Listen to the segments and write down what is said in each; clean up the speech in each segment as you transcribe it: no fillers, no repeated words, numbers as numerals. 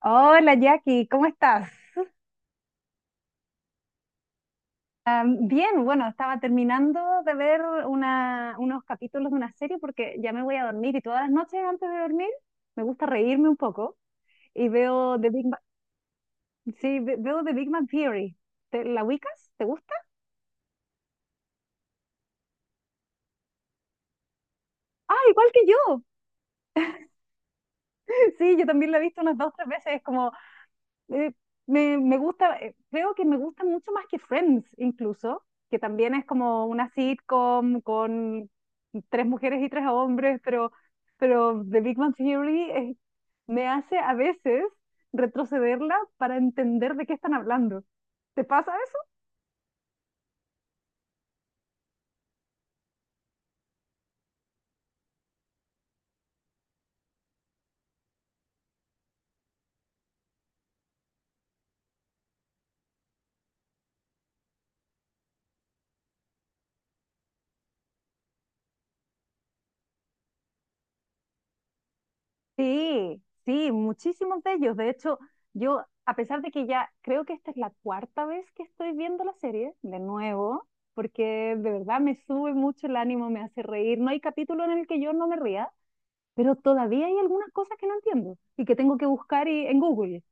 Hola Jackie, ¿cómo estás? Ah, bien, bueno, estaba terminando de ver unos capítulos de una serie porque ya me voy a dormir, y todas las noches antes de dormir me gusta reírme un poco, y veo The Big Bang, sí, veo The Big Bang Theory. ¿ la ubicas? ¿Te gusta? Ah, igual que yo. Sí, yo también la he visto unas dos, tres veces. Es como eh, me gusta, creo que me gusta mucho más que Friends incluso, que también es como una sitcom con tres mujeres y tres hombres, pero The Big Bang Theory me hace a veces retrocederla para entender de qué están hablando. ¿Te pasa? Sí, sí, muchísimos de ellos. De hecho, yo, a pesar de que ya creo que esta es la cuarta vez que estoy viendo la serie, de nuevo, porque de verdad me sube mucho el ánimo, me hace reír. No hay capítulo en el que yo no me ría, pero todavía hay algunas cosas que no entiendo y que tengo que buscar en Google,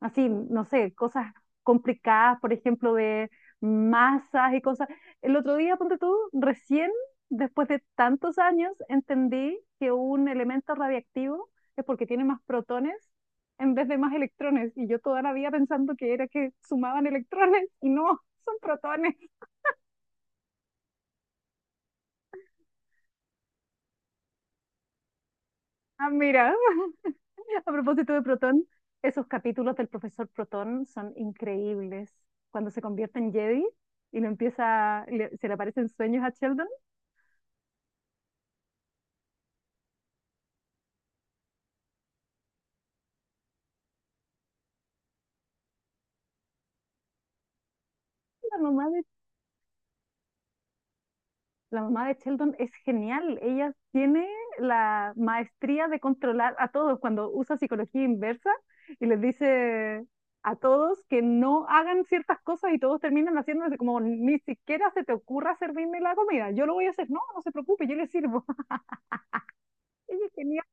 así, no sé, cosas complicadas, por ejemplo, de masas y cosas. El otro día, ponte tú, recién, después de tantos años, entendí que un elemento radiactivo es porque tiene más protones en vez de más electrones. Y yo toda la vida pensando que era que sumaban electrones y no, son protones. Ah, mira, a propósito de protón, esos capítulos del profesor Protón son increíbles. Cuando se convierte en Jedi y se le aparecen sueños a Sheldon. La mamá de, la mamá de Sheldon es genial. Ella tiene la maestría de controlar a todos cuando usa psicología inversa, y les dice a todos que no hagan ciertas cosas, y todos terminan haciéndose como: ni siquiera se te ocurra servirme la comida, yo lo voy a hacer. No, no se preocupe, yo le sirvo. Ella es genial.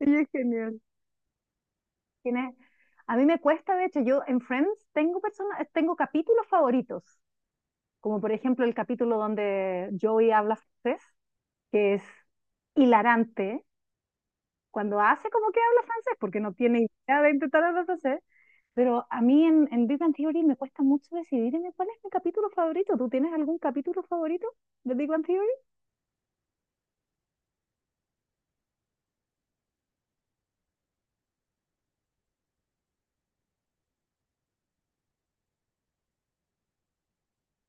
Ella es genial. Tiene- a mí me cuesta, de hecho, yo en Friends tengo personas, tengo capítulos favoritos, como por ejemplo el capítulo donde Joey habla francés, que es hilarante, cuando hace como que habla francés, porque no tiene idea de intentar hablar francés. Pero a mí en, Big Bang Theory me cuesta mucho decidirme cuál es mi capítulo favorito. ¿Tú tienes algún capítulo favorito de Big Bang Theory?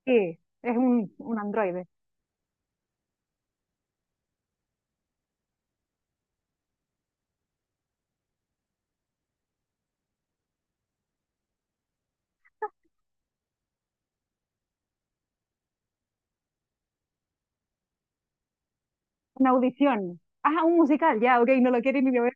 Sí, es un androide, una audición. Ah, un musical, ya, ok, no lo quiere ni ver.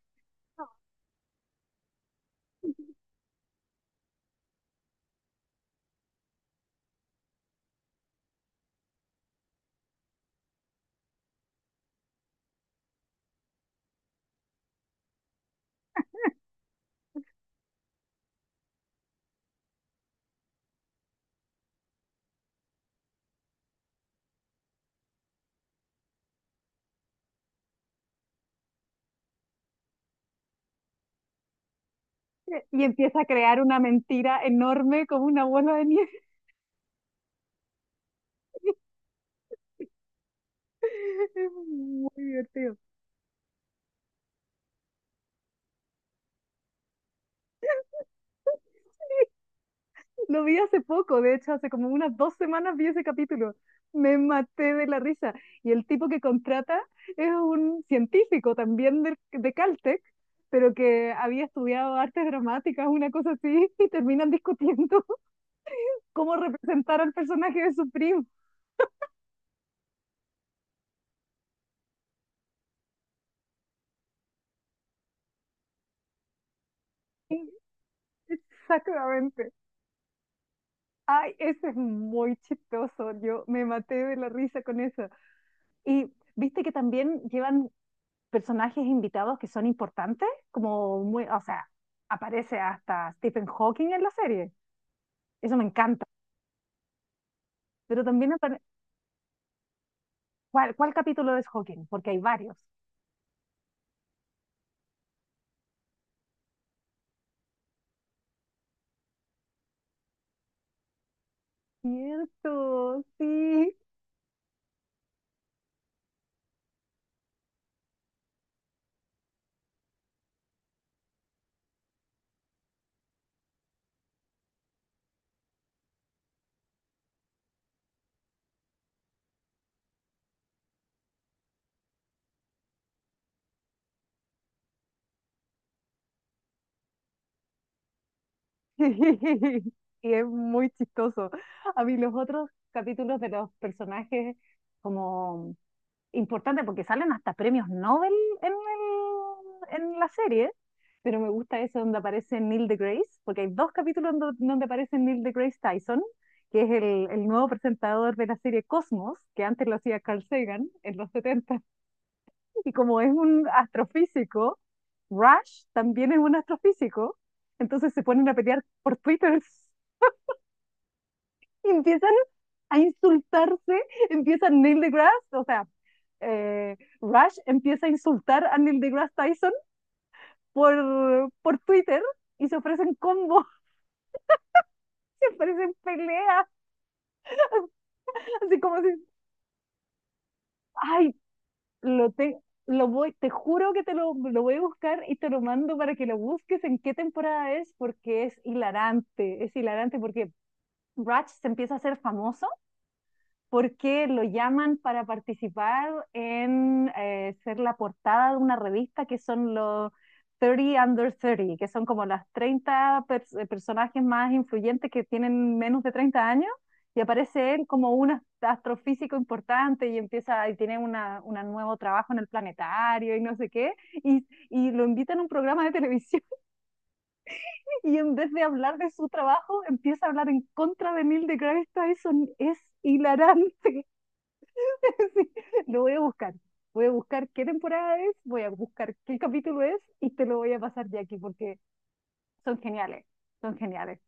Y empieza a crear una mentira enorme, como una bola de nieve. Es muy divertido. Lo vi hace poco, de hecho, hace como unas 2 semanas vi ese capítulo. Me maté de la risa. Y el tipo que contrata es un científico también de Caltech, pero que había estudiado artes dramáticas, una cosa así, y terminan discutiendo cómo representar al personaje de su primo. Exactamente. Ay, ese es muy chistoso. Yo me maté de la risa con eso. Y viste que también llevan personajes invitados que son importantes, como muy, o sea, aparece hasta Stephen Hawking en la serie. Eso me encanta. Pero también, ¿cuál capítulo es Hawking? Porque hay varios. Cierto, sí. Y es muy chistoso. A mí los otros capítulos de los personajes como importante, porque salen hasta premios Nobel en, en la serie, pero me gusta ese donde aparece Neil deGrasse, porque hay dos capítulos donde aparece Neil deGrasse Tyson, que es el nuevo presentador de la serie Cosmos, que antes lo hacía Carl Sagan en los 70. Y como es un astrofísico, Rush también es un astrofísico, entonces se ponen a pelear por Twitter, y empiezan a insultarse. Empieza Neil deGrasse, o sea, Rush empieza a insultar a Neil deGrasse Tyson por, por Twitter, y se ofrecen combos, se ofrecen peleas, así como si... Ay, lo te, lo voy, te juro que lo voy a buscar y te lo mando para que lo busques en qué temporada es, porque es hilarante, es hilarante, porque Rush se empieza a hacer famoso porque lo llaman para participar en ser la portada de una revista, que son los 30 Under 30, que son como las 30 personajes más influyentes que tienen menos de 30 años, y aparece él como un astrofísico importante, y empieza, y tiene una nuevo trabajo en el planetario y no sé qué, y lo invitan a un programa de televisión, y en vez de hablar de su trabajo, empieza a hablar en contra de Neil deGrasse Tyson. Es hilarante. Sí, lo voy a buscar. Voy a buscar qué temporada es, voy a buscar qué capítulo es, y te lo voy a pasar, Jackie, porque son geniales, son geniales.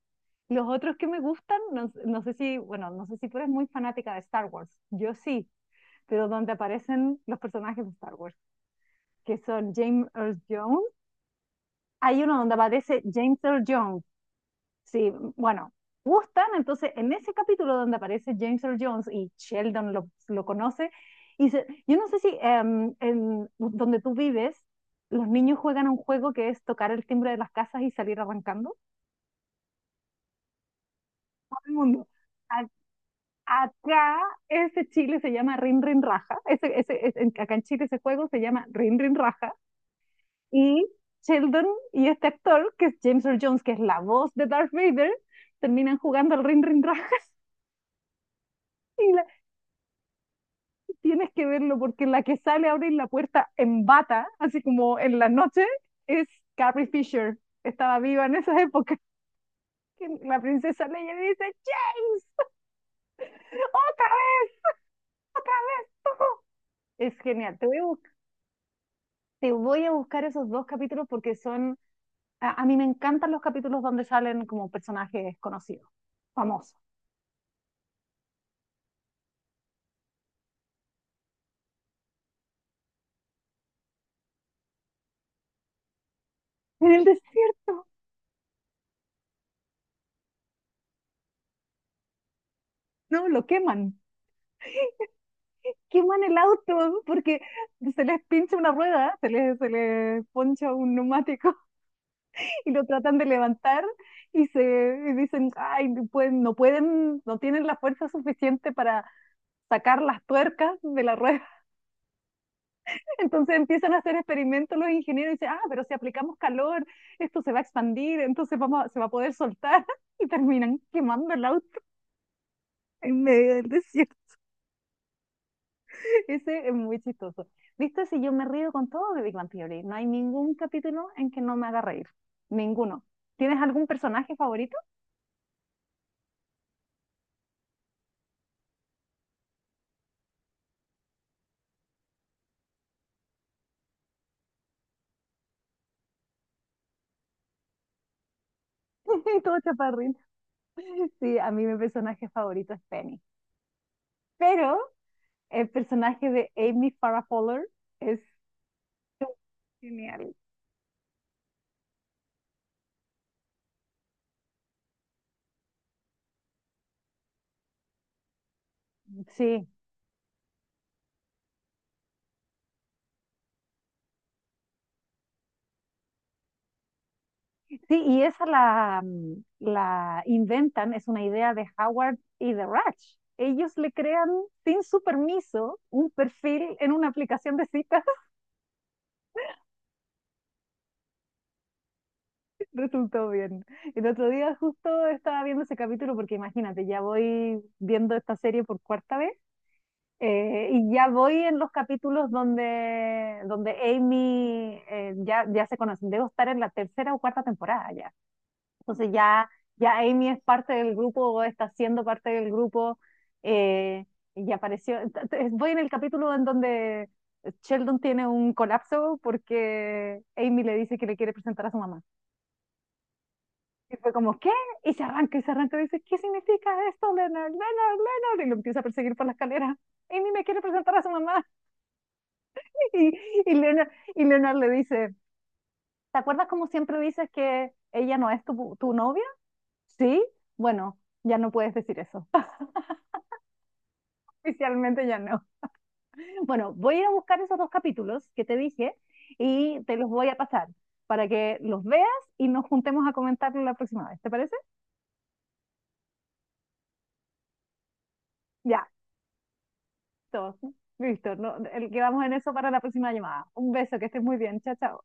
Los otros que me gustan, no, no sé si, bueno, no sé si tú eres muy fanática de Star Wars, yo sí, pero donde aparecen los personajes de Star Wars, que son James Earl Jones, hay uno donde aparece James Earl Jones. Sí, bueno, gustan. Entonces, en ese capítulo donde aparece James Earl Jones y Sheldon lo conoce, y dice, yo no sé si en donde tú vives, los niños juegan un juego que es tocar el timbre de las casas y salir arrancando. Todo el mundo. A- Acá ese Chile se llama Rin Rin Raja. Acá en Chile ese juego se llama Rin Rin Raja. Y Sheldon y este actor, que es James Earl Jones, que es la voz de Darth Vader, terminan jugando al Rin Rin Raja. Y tienes que verlo, porque la que sale a abrir la puerta en bata, así como en la noche, es Carrie Fisher. Estaba viva en esas épocas. La princesa Leia dice: James, otra vez, otra vez. Es genial. Te voy a buscar esos dos capítulos, porque son... A mí me encantan los capítulos donde salen como personajes conocidos, famosos. En el desierto. No, lo queman. Queman el auto porque se les pincha una rueda, se les poncha un neumático, y lo tratan de levantar, y se y dicen, ay, no pueden, no pueden, no tienen la fuerza suficiente para sacar las tuercas de la rueda. Entonces empiezan a hacer experimentos los ingenieros, y dicen, ah, pero si aplicamos calor, esto se va a expandir, entonces se va a poder soltar, y terminan quemando el auto en medio del desierto. Ese es muy chistoso. ¿Viste? Si yo me río con todo de Big Bang Theory, no hay ningún capítulo en que no me haga reír. Ninguno. ¿Tienes algún personaje favorito? Todo chaparrín. Sí, a mí mi personaje favorito es Penny. Pero el personaje de Amy Farrah Fowler es genial. Sí, sí, y esa la inventan, es una idea de Howard y de Ratch. Ellos le crean sin su permiso un perfil en una aplicación de citas. Resultó bien. El otro día justo estaba viendo ese capítulo, porque imagínate, ya voy viendo esta serie por cuarta vez. Y ya voy en los capítulos donde, Amy ya, ya se conocen. Debo estar en la tercera o cuarta temporada ya. Entonces ya, ya Amy es parte del grupo, o está siendo parte del grupo, eh, y apareció. Voy en el capítulo en donde Sheldon tiene un colapso porque Amy le dice que le quiere presentar a su mamá. Y fue como: ¿qué? Y se arranca y se arranca y dice, ¿qué significa esto, Leonard? Leonard, Leonard. Y lo empieza a perseguir por la escalera. Amy me quiere presentar a su mamá. Y, y, Leonard, y Leonard le dice, ¿te acuerdas cómo siempre dices que ella no es tu, novia? Sí, bueno, ya no puedes decir eso. Oficialmente ya no. Bueno, voy a ir a buscar esos dos capítulos que te dije y te los voy a pasar para que los veas y nos juntemos a comentarlo la próxima vez. ¿Te parece? Ya, todos. Listo, no, quedamos en eso para la próxima llamada. Un beso, que estés muy bien. Chao, chao.